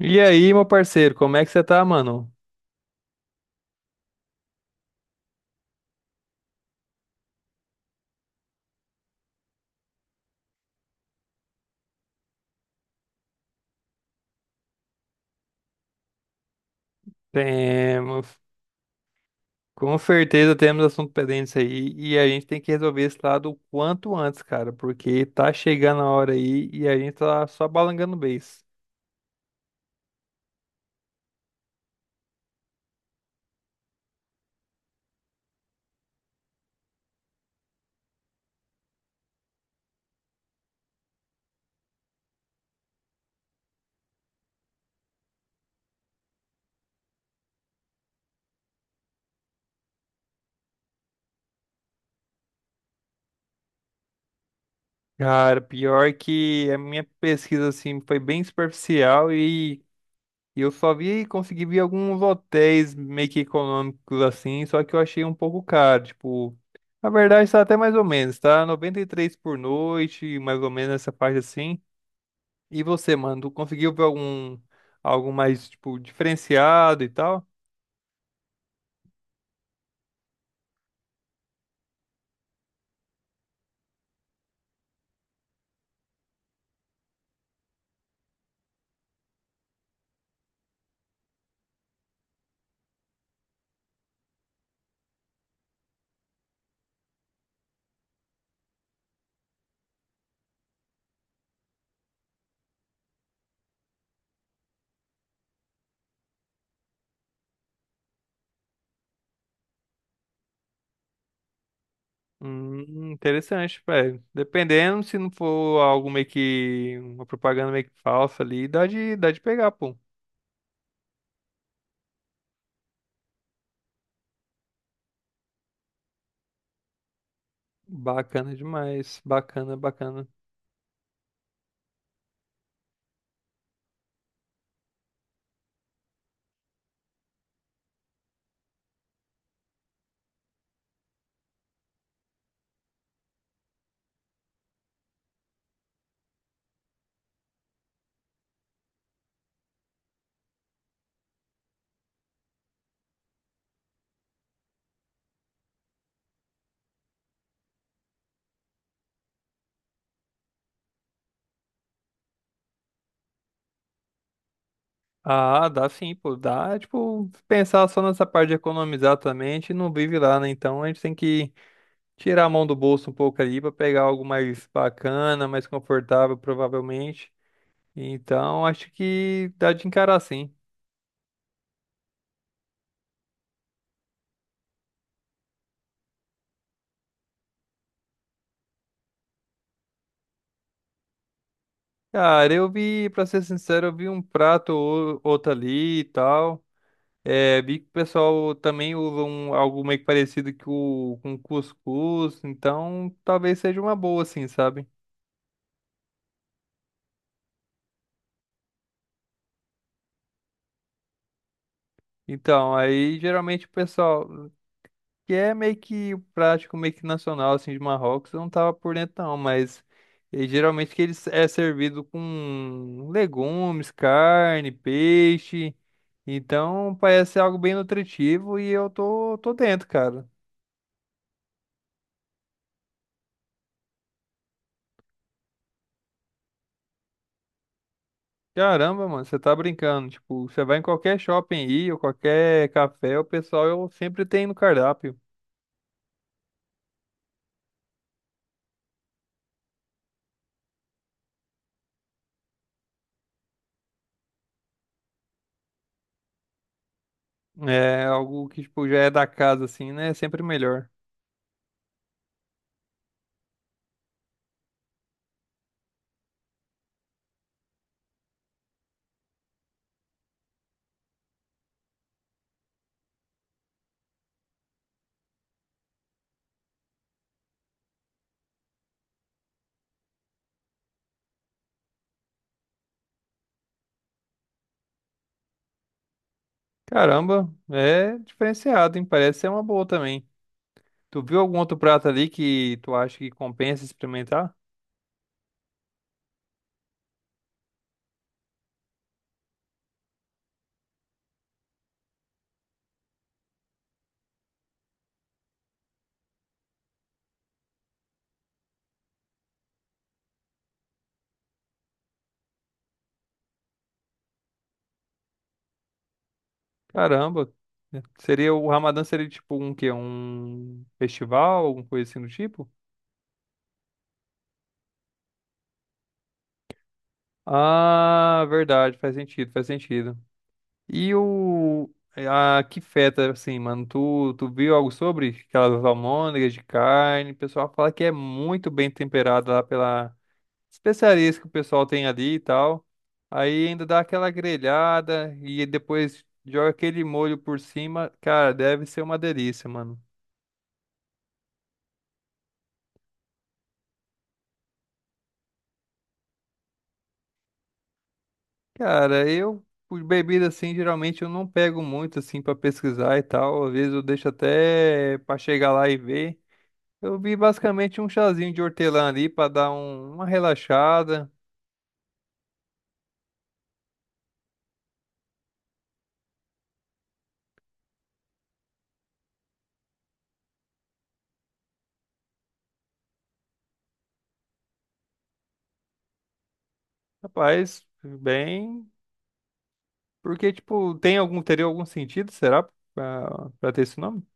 E aí, meu parceiro, como é que você tá, mano? Temos, com certeza temos assunto pendente aí e a gente tem que resolver esse lado o quanto antes, cara, porque tá chegando a hora aí e a gente tá só balangando o beiço. Cara, pior que a minha pesquisa, assim, foi bem superficial e eu só consegui ver alguns hotéis meio que econômicos, assim, só que eu achei um pouco caro, tipo... Na verdade, tá até mais ou menos, tá? 93 por noite, mais ou menos nessa parte assim. E você, mano, tu conseguiu ver algum algo mais tipo diferenciado e tal? Interessante, velho. Dependendo se não for algo meio que uma propaganda meio que falsa ali, dá de pegar, pô. Bacana demais, bacana, bacana. Ah, dá sim, pô, dá, tipo, pensar só nessa parte de economizar também, a gente não vive lá, né? Então a gente tem que tirar a mão do bolso um pouco ali pra pegar algo mais bacana, mais confortável, provavelmente. Então, acho que dá de encarar sim. Cara, eu vi, pra ser sincero, eu vi um prato ou outro ali e tal. É, vi que o pessoal também usa algo meio que parecido com cuscuz, então talvez seja uma boa, assim, sabe? Então, aí geralmente o pessoal. Que é meio que prático, meio que nacional, assim, de Marrocos, eu não tava por dentro não, mas geralmente que ele é servido com legumes, carne, peixe, então parece ser algo bem nutritivo e eu tô dentro, cara. Caramba, mano, você tá brincando, tipo, você vai em qualquer shopping aí, ou qualquer café, o pessoal eu sempre tem no cardápio. É algo que, tipo, já é da casa, assim, né? É sempre melhor. Caramba, é diferenciado, hein? Parece ser uma boa também. Tu viu algum outro prato ali que tu acha que compensa experimentar? Caramba. Né? Seria o Ramadã seria tipo um quê? Um festival, alguma coisa assim do tipo? Ah, verdade, faz sentido, faz sentido. E o. A que feta, assim, mano, tu viu algo sobre aquelas almôndegas de carne? O pessoal fala que é muito bem temperado lá pela especiarias que o pessoal tem ali e tal. Aí ainda dá aquela grelhada e depois joga aquele molho por cima. Cara, deve ser uma delícia, mano. Cara, eu, por bebida assim, geralmente eu não pego muito assim pra pesquisar e tal. Às vezes eu deixo até pra chegar lá e ver. Eu vi basicamente um chazinho de hortelã ali pra dar uma relaxada. Rapaz, bem. Porque, tipo, tem algum, teria algum sentido, será? Pra ter esse nome?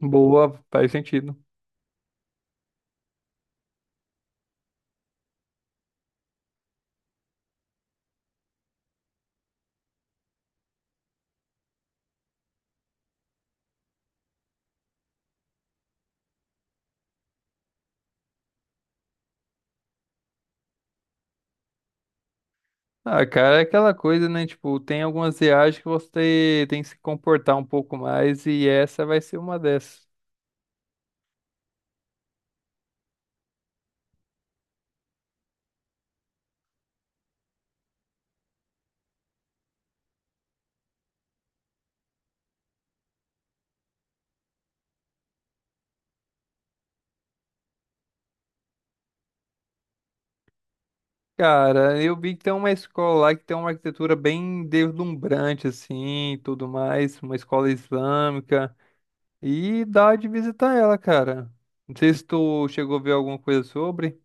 Boa, faz sentido. Ah, cara, é aquela coisa, né? Tipo, tem algumas viagens que você tem que se comportar um pouco mais e essa vai ser uma dessas. Cara, eu vi que tem uma escola lá que tem uma arquitetura bem deslumbrante, assim, e tudo mais, uma escola islâmica. E dá de visitar ela, cara. Não sei se tu chegou a ver alguma coisa sobre.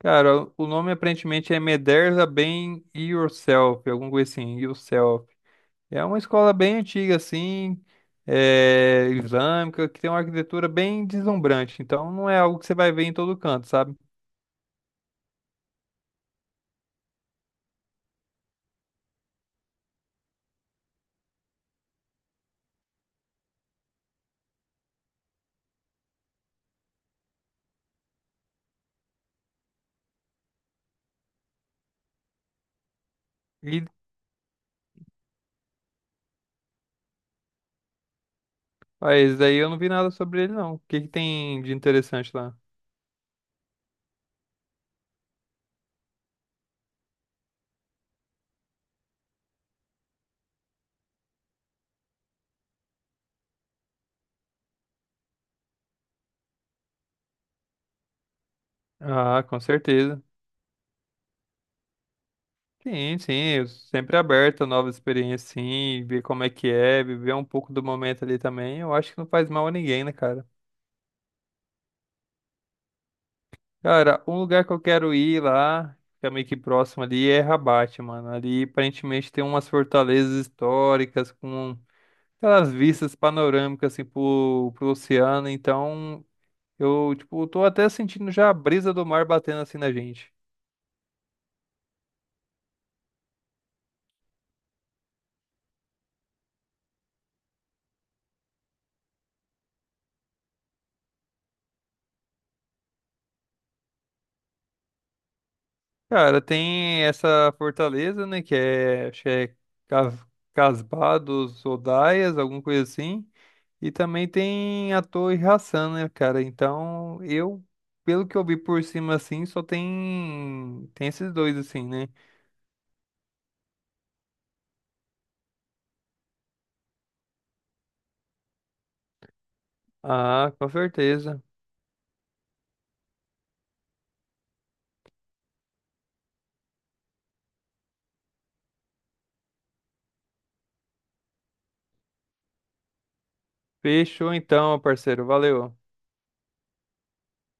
Cara, o nome aparentemente é Mederza Bem Yourself, alguma coisa assim, Yourself. É uma escola bem antiga, assim, é, islâmica, que tem uma arquitetura bem deslumbrante. Então não é algo que você vai ver em todo canto, sabe? E mas daí eu não vi nada sobre ele, não. O que que tem de interessante lá? Ah, com certeza. Sim, sim, eu sempre aberto a novas experiências, sim, ver como é que é, viver um pouco do momento ali também. Eu acho que não faz mal a ninguém, né, cara? Cara, um lugar que eu quero ir lá, que é meio que próximo ali, é Rabat, mano. Ali aparentemente tem umas fortalezas históricas com aquelas vistas panorâmicas assim pro oceano. Então, eu, tipo, tô até sentindo já a brisa do mar batendo assim na gente. Cara, tem essa fortaleza, né? Que é, acho que é Cas- Casbah dos Odaias, alguma coisa assim. E também tem a Torre Hassan, né, cara? Então, eu, pelo que eu vi por cima, assim, só tem esses dois, assim, né? Ah, com certeza. Fechou então, parceiro. Valeu.